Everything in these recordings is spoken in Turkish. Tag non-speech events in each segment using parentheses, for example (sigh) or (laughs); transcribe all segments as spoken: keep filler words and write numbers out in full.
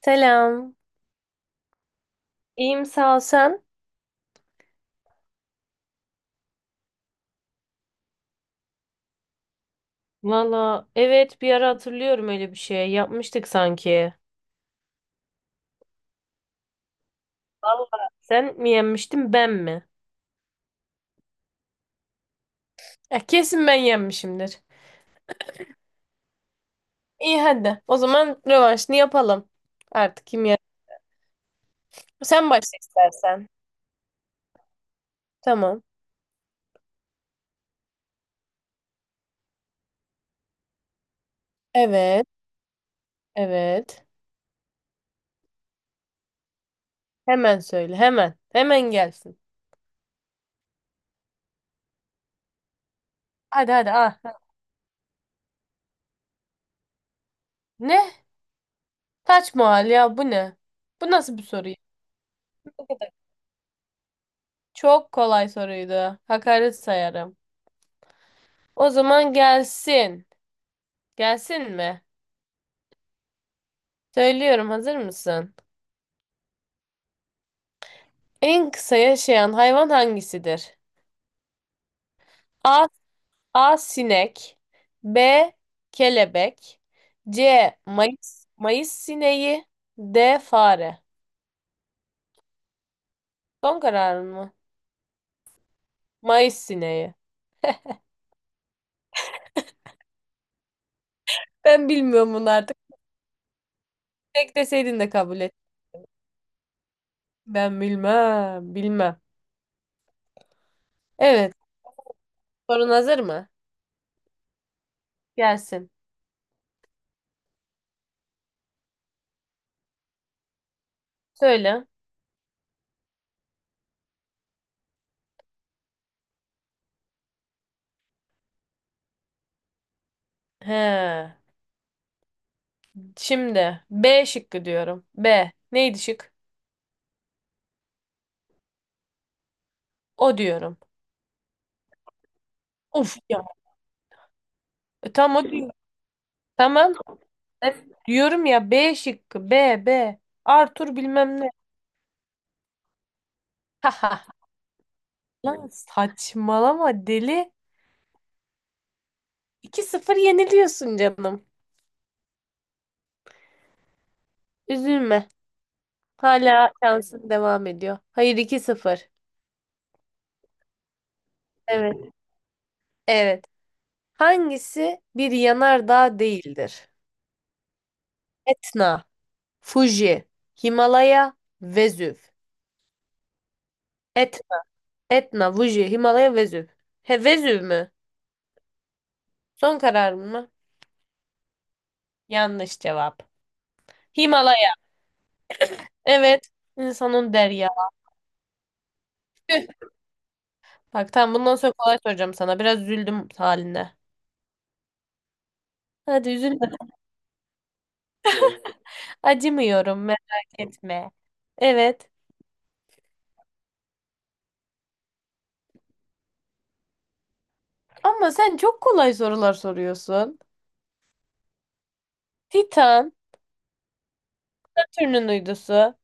Selam. İyiyim sağ ol sen. Valla evet bir ara hatırlıyorum öyle bir şey. Yapmıştık sanki. Valla sen mi yenmiştin ben mi? Eh, kesin ben yenmişimdir. İyi hadi. O zaman rövanşını yapalım. Artık kim yer? Sen başla istersen. Tamam. Evet. Evet. Hemen söyle. Hemen. Hemen gelsin. Hadi hadi. Ah. Ne? Taç mahal ya bu ne? Bu nasıl bir soru ya? Ne kadar- Çok kolay soruydu. Hakaret sayarım. O zaman gelsin. Gelsin mi? Söylüyorum, hazır mısın? En kısa yaşayan hayvan hangisidir? A. A. Sinek. B. Kelebek. C. Mayıs, Mayıs sineği. D. Fare. Son kararın mı? Mayıs sineği. Ben bilmiyorum bunu artık. Tek deseydin de kabul et. Ben bilmem, bilmem. Evet, sorun hazır mı? Gelsin. Söyle. He. Şimdi B şıkkı diyorum. B. Neydi şık? O diyorum. Of ya. E, tam o diyorum. Tamam. E, Diyorum ya B şıkkı. B, B. Arthur bilmem ne. (laughs) Lan saçmalama deli. iki sıfır yeniliyorsun canım. Üzülme. Hala şansın devam ediyor. Hayır, iki sıfır. Evet. Evet. Hangisi bir yanardağ değildir? Etna, Fuji, Himalaya, Vezüv. Et, Etna, Fuji, Himalaya, Vezüv. He, Vezüv mü? Son kararın mı? Yanlış cevap. Himalaya. Evet. İnsanın derya. Tüh. Bak tamam, bundan sonra kolay soracağım sana. Biraz üzüldüm haline. Hadi üzülme. Acımıyorum, merak etme. Evet. Ama sen çok kolay sorular soruyorsun. Titan. Satürn'ün uydusu.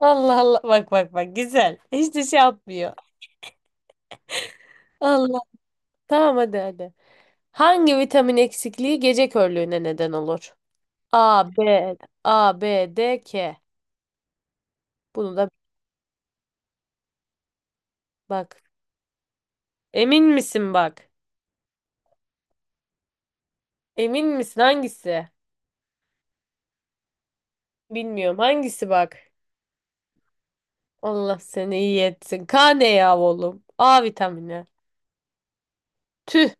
Allah Allah. Bak bak bak, güzel. Hiç de şey yapmıyor. Allah. Tamam hadi hadi. Hangi vitamin eksikliği gece körlüğüne neden olur? A, B, A, B, D, K. Bunu da bak. Emin misin bak? Emin misin hangisi? Bilmiyorum hangisi bak. Allah seni iyi etsin. K ne ya oğlum? A vitamini. Tüh.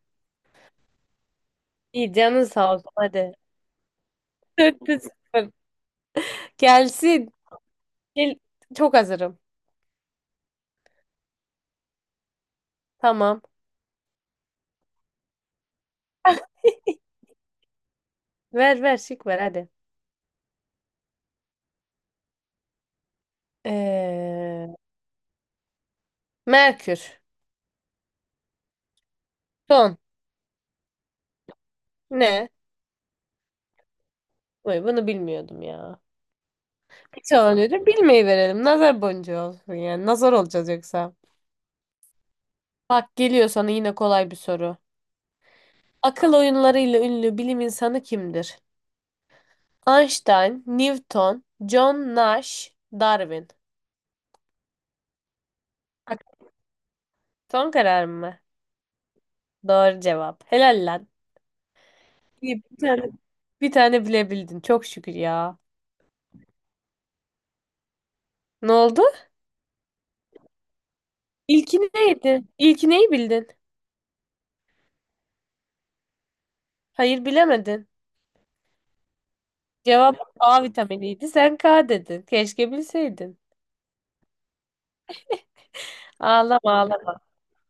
İyi canın sağ olsun hadi. (laughs) Dörtte sıfır. Gelsin. Gel. Çok hazırım. Tamam. Ver ver şık ver hadi. Ee, Merkür. Son. Ne? Vay, bunu bilmiyordum ya. Hiç önemli bilmeyi verelim. Nazar boncuğu olsun yani. Nazar olacağız yoksa. Bak geliyor sana yine kolay bir soru. Akıl oyunlarıyla ünlü bilim insanı kimdir? Einstein, Newton, John Nash, Darwin. Bak, son karar mı? Doğru cevap. Helal lan. İyi, bir tane, bir tane bilebildin. Çok şükür ya. Ne oldu? İlki neydi? İlki neyi bildin? Hayır bilemedin. Cevap A vitaminiydi. Sen K dedin. Keşke bilseydin. Ağlama ağlama.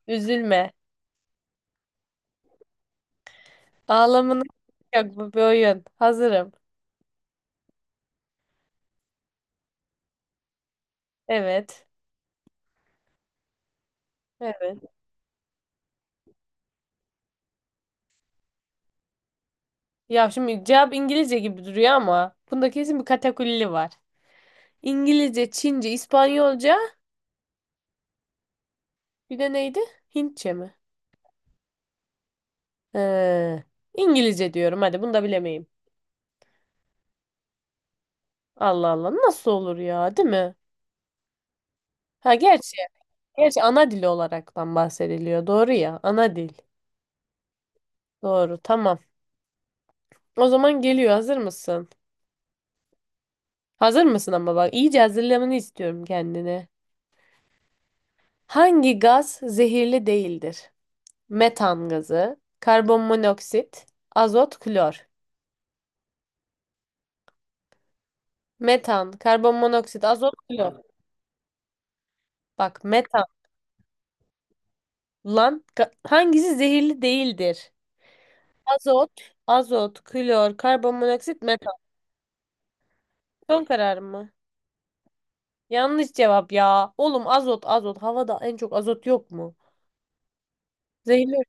Üzülme. Ağlamanın yok, bu bir oyun. Hazırım. Evet. Evet. Ya şimdi cevap İngilizce gibi duruyor ama bunda kesin bir katakulli var. İngilizce, Çince, İspanyolca. Bir de neydi? Hintçe mi? He. İngilizce diyorum. Hadi bunu da bilemeyim. Allah Allah. Nasıl olur ya, değil mi? Ha gerçi. Gerçi ana dili olaraktan bahsediliyor. Doğru ya. Ana dil. Doğru. Tamam. O zaman geliyor. Hazır mısın? Hazır mısın ama bak, iyice hazırlamanı istiyorum kendine. Hangi gaz zehirli değildir? Metan gazı, karbon monoksit, azot, klor. Metan, karbon monoksit, azot, klor. Bak metan. Lan ka- hangisi zehirli değildir? Azot, azot, klor, karbonmonoksit, metan. Son karar mı? Yanlış cevap ya. Oğlum azot, azot. Havada en çok azot yok mu? Zehirli.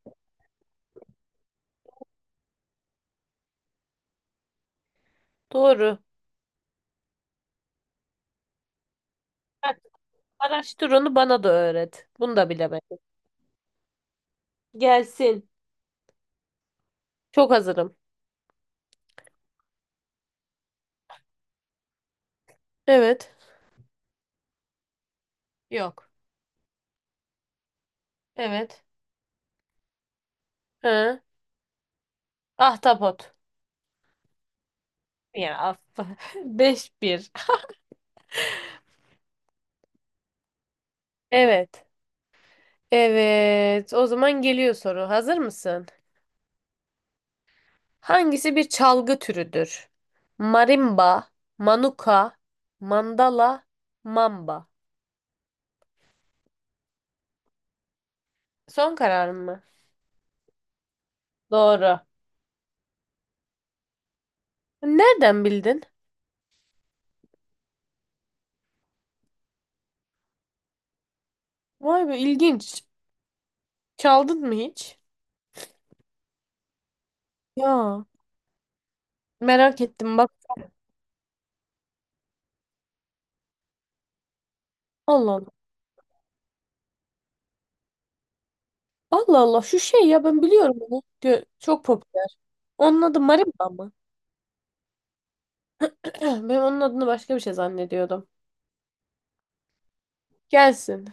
Doğru. Bak, araştır onu bana da öğret. Bunu da bilemedim. Gelsin. Çok hazırım. Evet. Yok. Evet. Hı. Ahtapot. Ya af. (laughs) Beş bir. Evet. Evet. O zaman geliyor soru. Hazır mısın? Hangisi bir çalgı türüdür? Marimba, manuka, mandala, mamba. Son kararın mı? Doğru. Nereden bildin? Vay be, ilginç. Çaldın mı hiç? Ya merak ettim bak. Allah Allah. Allah Allah şu şey ya, ben biliyorum bunu. Gö- Çok popüler. Onun adı marimba mı? (clears throat) Ben onun adını başka bir şey zannediyordum. Gelsin.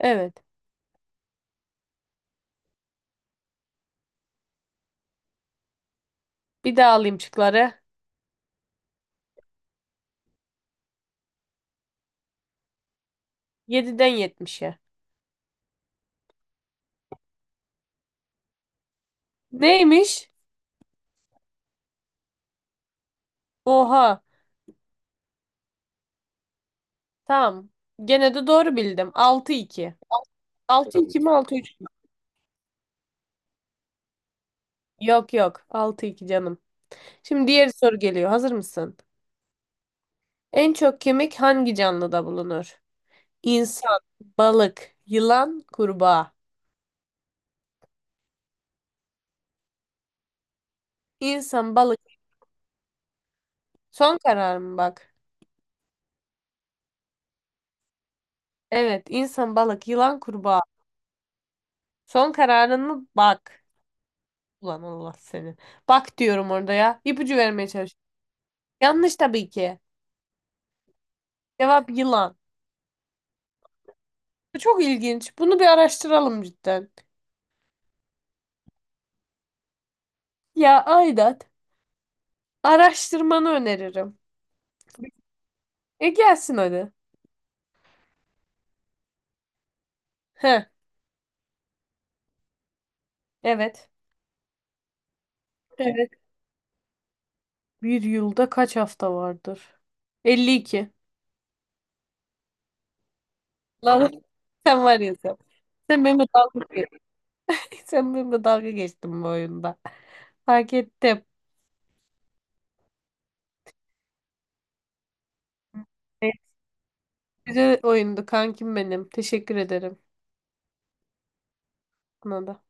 Evet. Bir daha alayım şıkları. yediden yetmişe. Neymiş? Oha. Tamam. Gene de doğru bildim. Altı iki. altı iki mi altı üç? Yok yok. Altı iki canım. Şimdi diğer soru geliyor. Hazır mısın? En çok kemik hangi canlıda bulunur? İnsan, balık, yılan, kurbağa. İnsan, balık. Son kararım bak. Evet, insan, balık, yılan, kurbağa. Son kararın mı? Bak. Ulan Allah seni. Bak diyorum orada ya. İpucu vermeye çalışıyorum. Yanlış tabii ki. Cevap yılan. Bu çok ilginç. Bunu bir araştıralım cidden. Ya Ayda araştırmanı öneririm. E gelsin hadi. He, evet. Evet. Bir yılda kaç hafta vardır? elli iki. Lan sen var ya sen. Sen benimle dalga geçtin. (laughs) Sen benimle dalga geçtin bu oyunda. Fark ettim. Evet, güzel oyundu kankim benim. Teşekkür ederim. Buna da.